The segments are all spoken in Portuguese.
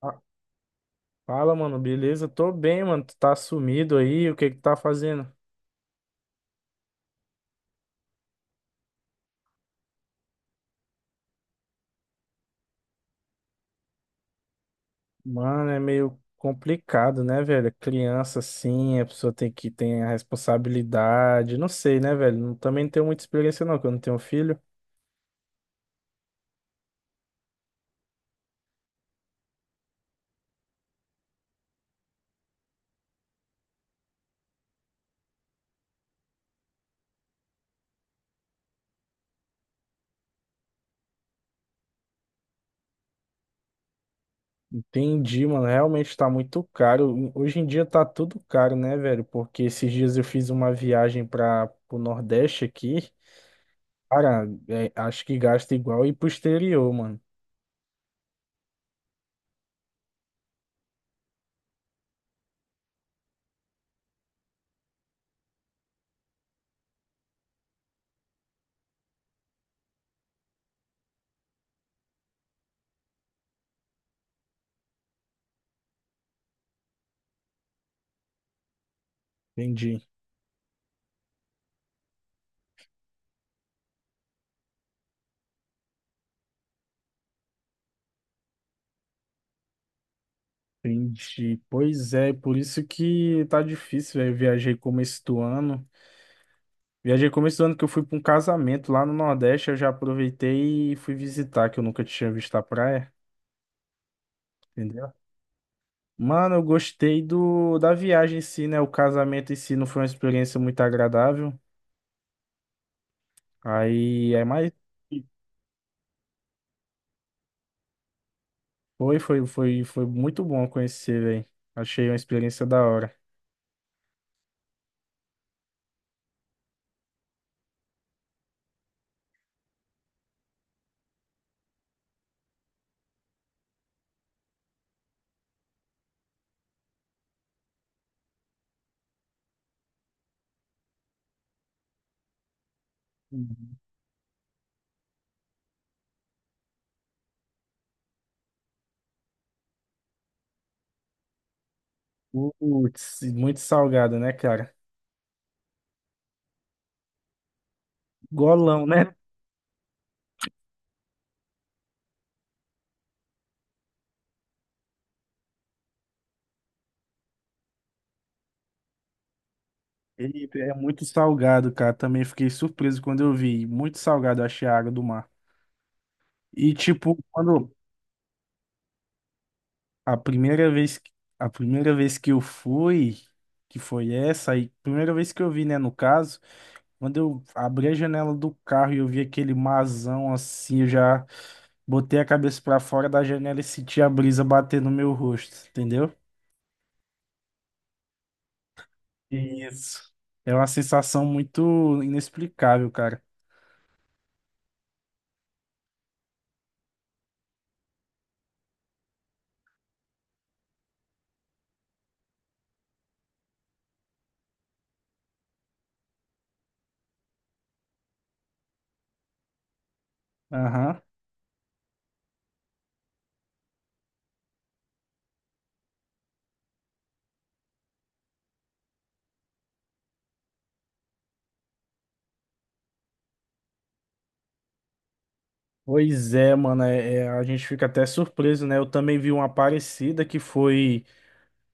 Fa- Fala, mano, beleza? Tô bem, mano. Tu tá sumido aí? O que que tá fazendo? Mano, é meio complicado, né, velho? Criança, assim, a pessoa tem que ter a responsabilidade. Não sei, né, velho? Também não tenho muita experiência, não, que eu não tenho filho. Entendi, mano. Realmente tá muito caro. Hoje em dia tá tudo caro, né, velho? Porque esses dias eu fiz uma viagem para pro Nordeste aqui. Cara, é, acho que gasta igual ir pro exterior, mano. Entendi. Entendi. Pois é, por isso que tá difícil, velho. Eu viajei começo do ano. Viajei começo do ano que eu fui pra um casamento lá no Nordeste, eu já aproveitei e fui visitar, que eu nunca tinha visto a praia, entendeu? Mano, eu gostei do da viagem em si, né? O casamento em si não foi uma experiência muito agradável. Aí é mais foi, muito bom conhecer, velho. Achei uma experiência da hora. Uhum. Putz, muito salgada, né, cara? Golão, né? Ele é muito salgado, cara. Também fiquei surpreso quando eu vi. Muito salgado, eu achei a água do mar. E tipo, quando a primeira vez, que- a primeira vez que eu fui, que foi essa, aí, primeira vez que eu vi, né, no caso, quando eu abri a janela do carro e eu vi aquele marzão assim, eu já botei a cabeça pra fora da janela e senti a brisa bater no meu rosto, entendeu? Isso. É uma sensação muito inexplicável, cara. Aham. Pois é, mano, a gente fica até surpreso, né? Eu também vi uma parecida que foi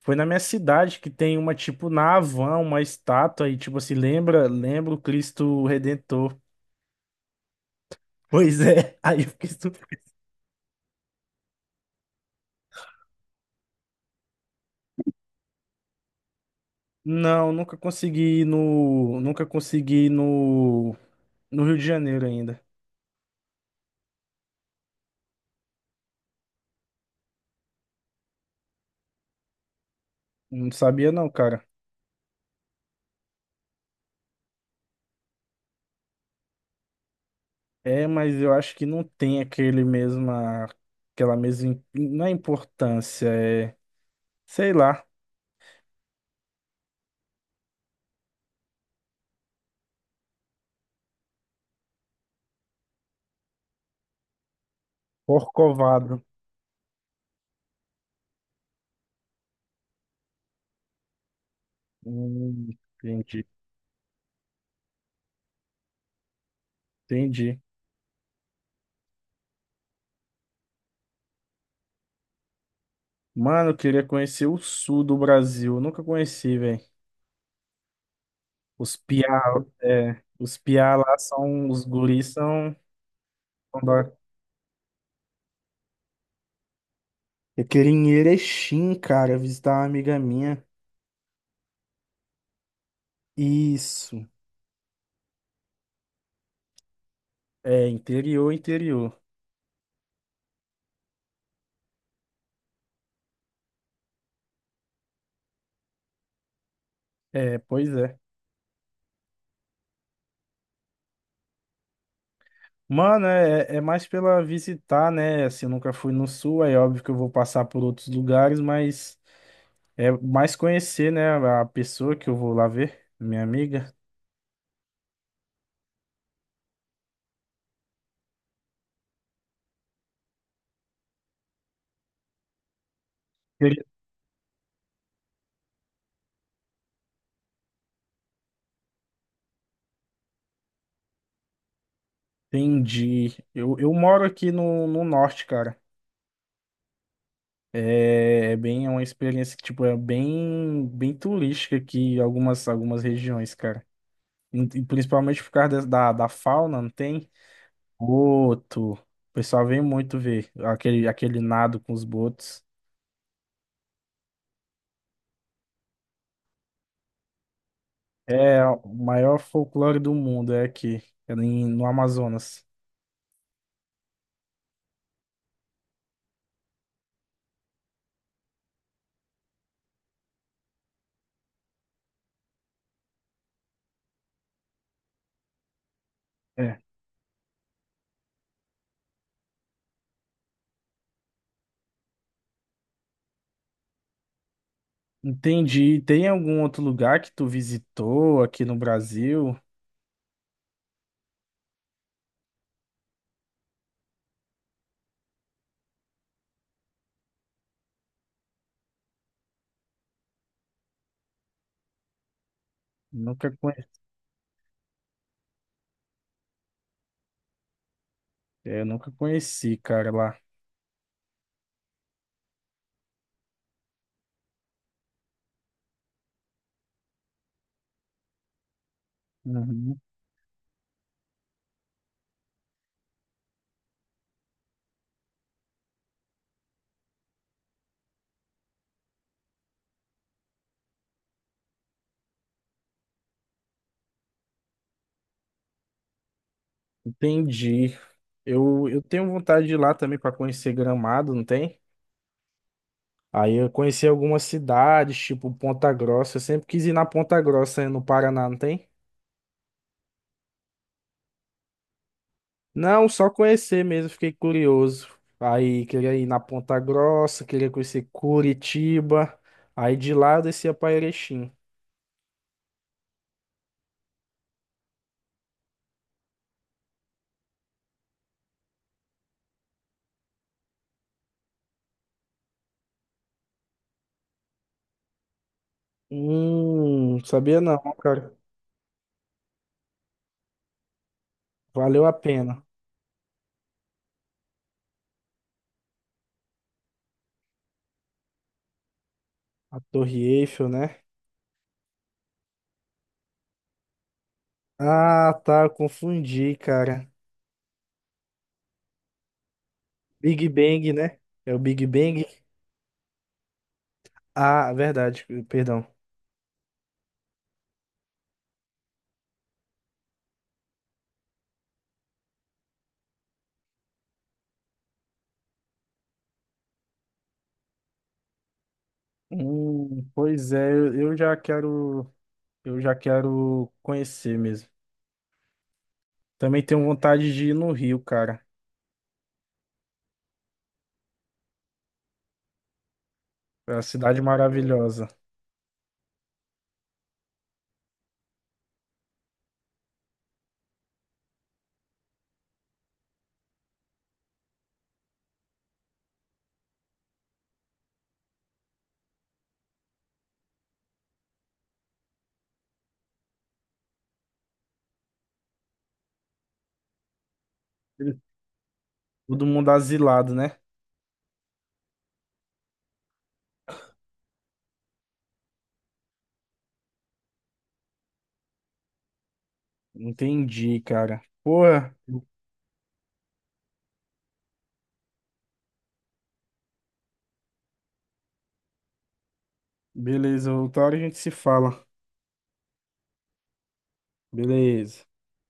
foi na minha cidade que tem uma tipo na Havan, uma estátua e tipo assim, lembra, lembra o Cristo Redentor. Pois é, aí eu fiquei surpreso. Não, nunca consegui ir no no Rio de Janeiro ainda. Não sabia não, cara. É, mas eu acho que não tem aquele mesma aquela mesma não é importância, é sei lá, Corcovado. Hum, entendi, entendi. Mano, eu queria conhecer o sul do Brasil. Eu nunca conheci, velho. Os piá, é, os piá lá são, os guris são, são da- Eu queria ir em Erechim, cara, visitar uma amiga minha. Isso. É, interior, interior. É, pois é. Mano, é, é mais pela visitar, né? Assim, eu nunca fui no sul, é óbvio que eu vou passar por outros lugares, mas é mais conhecer, né, a pessoa que eu vou lá ver, minha amiga. Entendi. Eu moro aqui no norte, cara. É, é bem, é uma experiência que, tipo, é bem, bem turística aqui em algumas, algumas regiões, cara. E principalmente por causa da, da fauna, não tem? Boto. O pessoal vem muito ver aquele, aquele nado com os botos. É o maior folclore do mundo, é aqui, no Amazonas. É. Entendi. Tem algum outro lugar que tu visitou aqui no Brasil? Nunca É, eu nunca conheci, cara, lá. Uhum. Entendi. Eu tenho vontade de ir lá também para conhecer Gramado, não tem? Aí eu conheci algumas cidades, tipo Ponta Grossa. Eu sempre quis ir na Ponta Grossa, eh, no Paraná, não tem? Não, só conhecer mesmo, fiquei curioso. Aí queria ir na Ponta Grossa, queria conhecer Curitiba. Aí de lá eu descia para Erechim. Sabia não, cara. Valeu a pena. A Torre Eiffel, né? Ah, tá, eu confundi, cara. Big Bang, né? É o Big Bang. Ah, verdade, perdão. Pois é, eu já quero, eu já quero conhecer mesmo. Também tenho vontade de ir no Rio, cara. É uma cidade maravilhosa. Todo mundo asilado, né? Entendi, cara. Porra, beleza, outra hora a gente se fala. Beleza.